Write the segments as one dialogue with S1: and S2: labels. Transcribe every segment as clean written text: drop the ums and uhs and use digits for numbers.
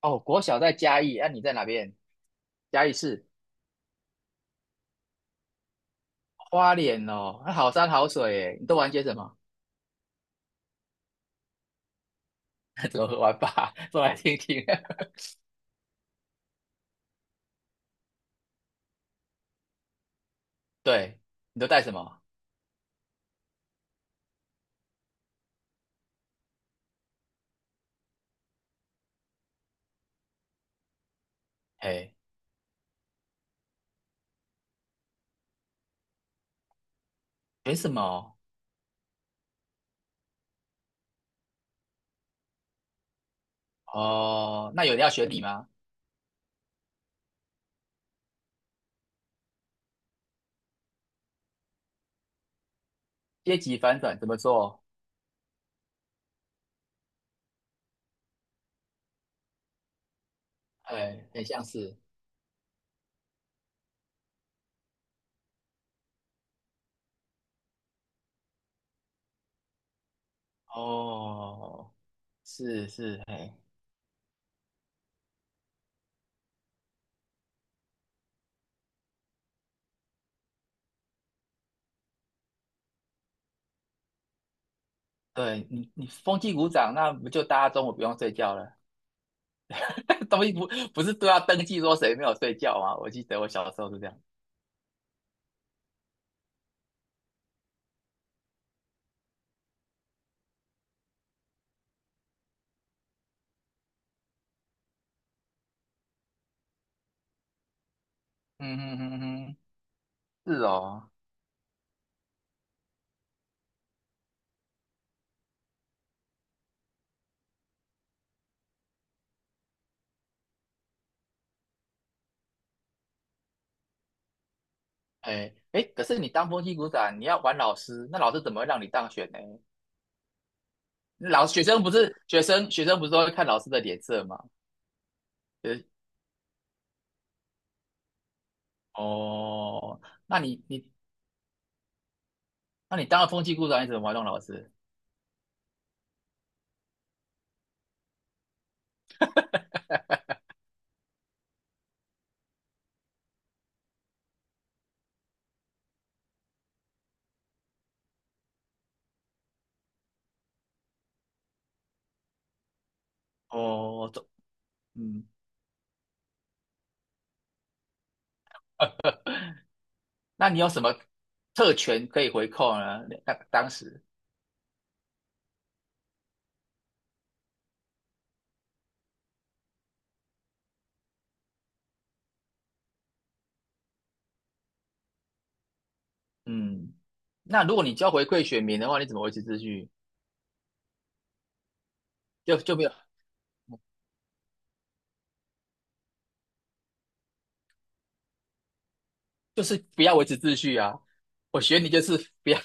S1: 哦，国小在嘉义，那、你在哪边？嘉义市花莲哦，那好山好水耶，你都玩些什么？怎么玩法？说来听听。对，你都带什么？哎，学什么？哦，那有人要学你吗？阶级反转怎么做？哎，很像是。哦，是是，哎，对你风纪鼓掌，那不就大家中午不用睡觉了？东西不不是都要登记说谁没有睡觉吗？我记得我小时候是这样。嗯哼哼哼，嗯是哦。哎哎，可是你当风气股长，你要玩老师，那老师怎么会让你当选呢？老学生不是学生，学生不是都会看老师的脸色吗？就是哦，那你那你当了风气股长，你怎么玩弄老师？哦，这嗯，那你有什么特权可以回扣呢？那当时，嗯，那如果你就要回馈选民的话，你怎么维持秩序？就就没有，就是不要维持秩序啊！我学你就是不要，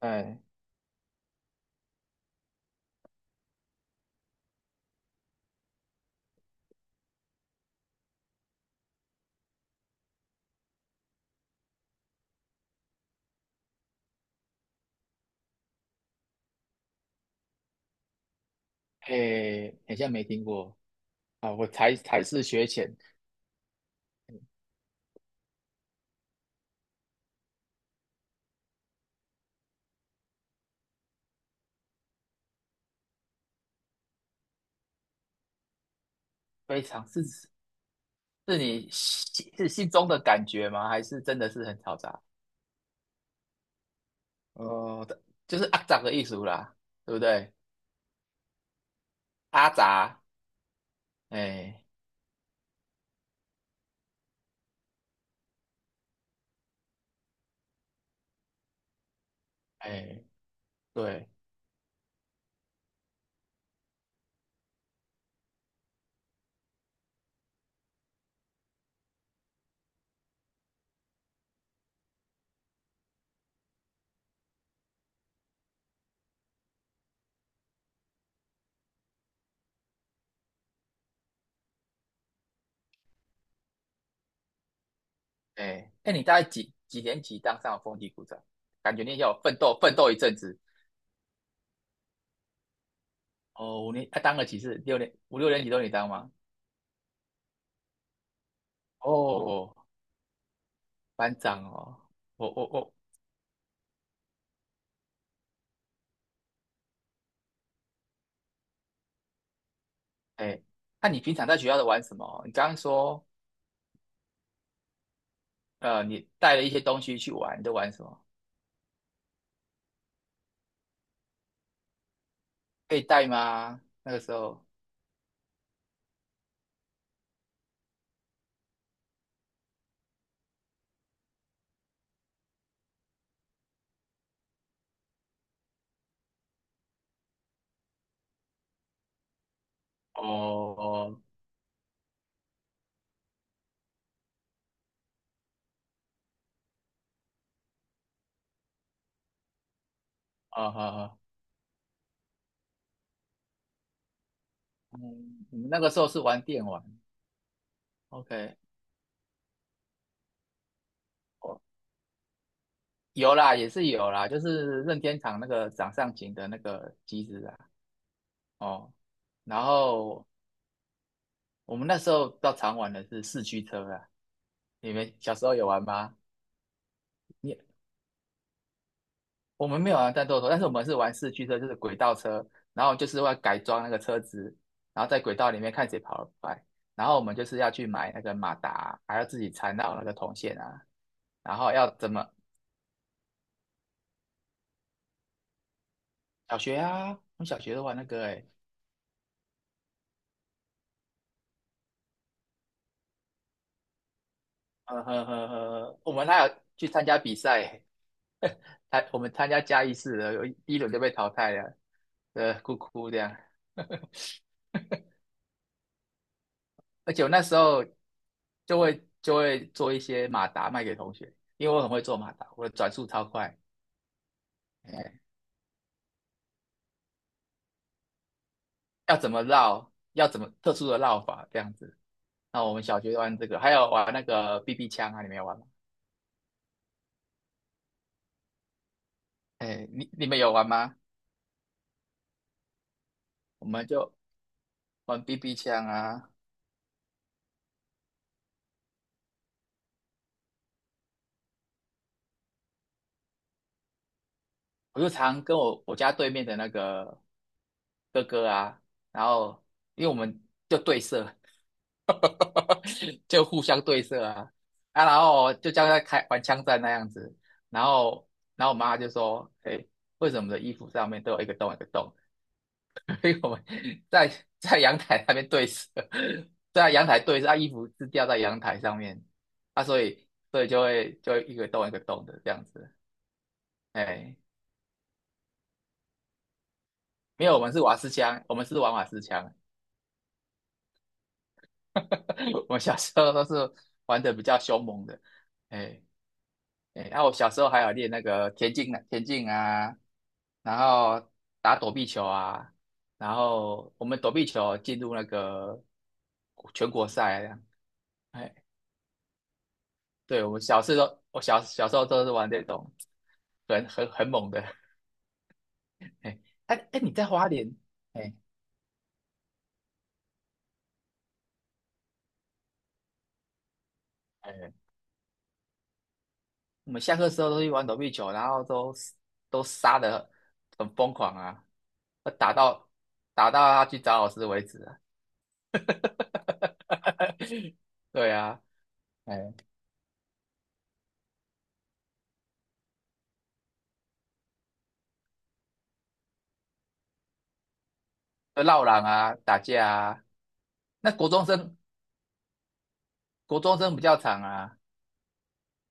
S1: 哎哎，好像没听过。啊，我才是学浅，非常是是你心是心中的感觉吗？还是真的是很嘈杂？哦，就是阿杂的艺术啦，对不对？阿杂，哎哎，对，哎哎，你大概几年级当上风纪股长？感觉你要奋斗奋斗一阵子哦。五年，他、当了几次？六年，五六年级都你当吗？哦，哦，班长哦，我，哎，那、你平常在学校都玩什么？你刚刚说，你带了一些东西去玩，你都玩什么？可以带吗？那个时候，哦，哦啊哈哈，嗯，你们那个时候是玩电玩，OK，哦，有啦，也是有啦，就是任天堂那个掌上型的那个机子啊，哦，然后我们那时候比较常玩的是四驱车啦，你们小时候有玩吗？你我们没有玩战斗陀，但是我们是玩四驱车，就是轨道车，然后就是要改装那个车子，然后在轨道里面看谁跑得快，然后我们就是要去买那个马达，还要自己缠绕那个铜线啊，然后要怎么小学啊，我们小学都玩那个哎、欸呵呵呵呵，我们还有去参加比赛、欸，我们参加嘉义市的，有一轮就被淘汰了，哭哭这样，而且我那时候就会做一些马达卖给同学，因为我很会做马达，我的转速超快，哎，要怎么绕，要怎么特殊的绕法这样子。那我们小学玩这个，还有玩那个 BB 枪啊，你们有玩吗？哎，你们有玩吗？我们就玩 BB 枪啊，我就常跟我家对面的那个哥哥啊，然后因为我们就对射，就互相对射啊啊，然后就像在开玩枪战那样子，然后然后我妈就说，哎，为什么我们的衣服上面都有一个洞一个洞？因为我们在在阳台那边对射，在阳台对射，啊，衣服是吊在阳台上面，啊，所以就会一个洞一个洞的这样子，哎，没有，我们是瓦斯枪，我们是玩瓦斯枪，我们小时候都是玩的比较凶猛的，哎。哎，然后我小时候还有练那个田径呢，田径啊，然后打躲避球啊，然后我们躲避球进入那个全国赛啊哎，对，我们小时候，我小小时候都是玩这种很猛的。哎，哎哎，你在花莲？哎哎，我们下课时候都去玩躲避球，然后都都杀的很疯狂啊，打到打到他去找老师为止啊。对啊。哎就闹嚷啊、打架啊。那国中生，国中生比较长啊，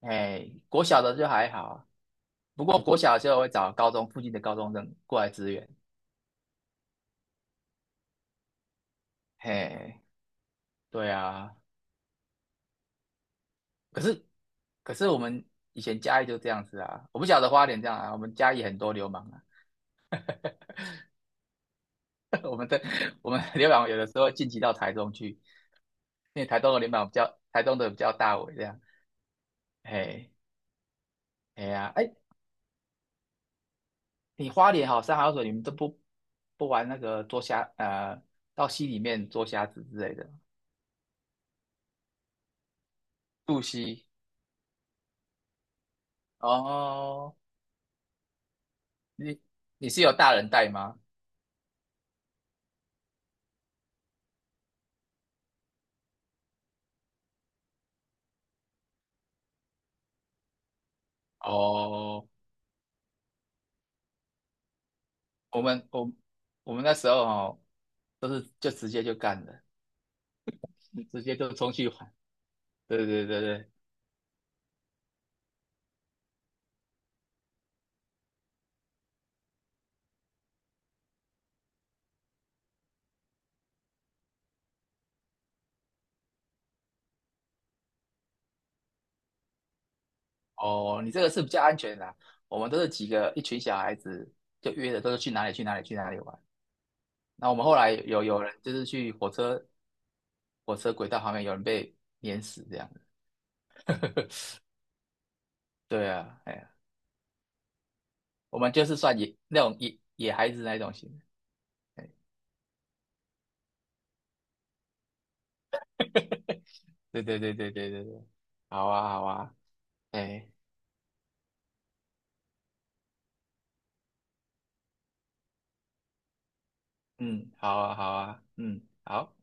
S1: 哎，国小的就还好，不过国小的时候会找高中附近的高中生过来支援，嘿，对啊，可是可是我们以前嘉义就这样子啊，我不晓得花莲这样啊，我们嘉义很多流氓啊，我们的我们流氓有的时候晋级到台中去，因为台东的流氓比较，台东的比较大尾这样，嘿，哎呀，哎，你花莲好，山好水，你们都不不玩那个捉虾，到溪里面捉虾子之类的，渡溪。哦，你你是有大人带吗？哦，我们我我们那时候哦，都是就直接就干了，直接就冲去玩。对对对对，哦，你这个是比较安全的啦我们都是几个一群小孩子就约的，都是去哪里去哪里去哪里玩。那我们后来有人就是去火车火车轨道旁边有人被碾死这样。对啊，哎呀，我们就是算野那种野野孩子那种型的，哎，对对对对对对对，好啊好啊，哎，嗯，好啊好啊，嗯，好。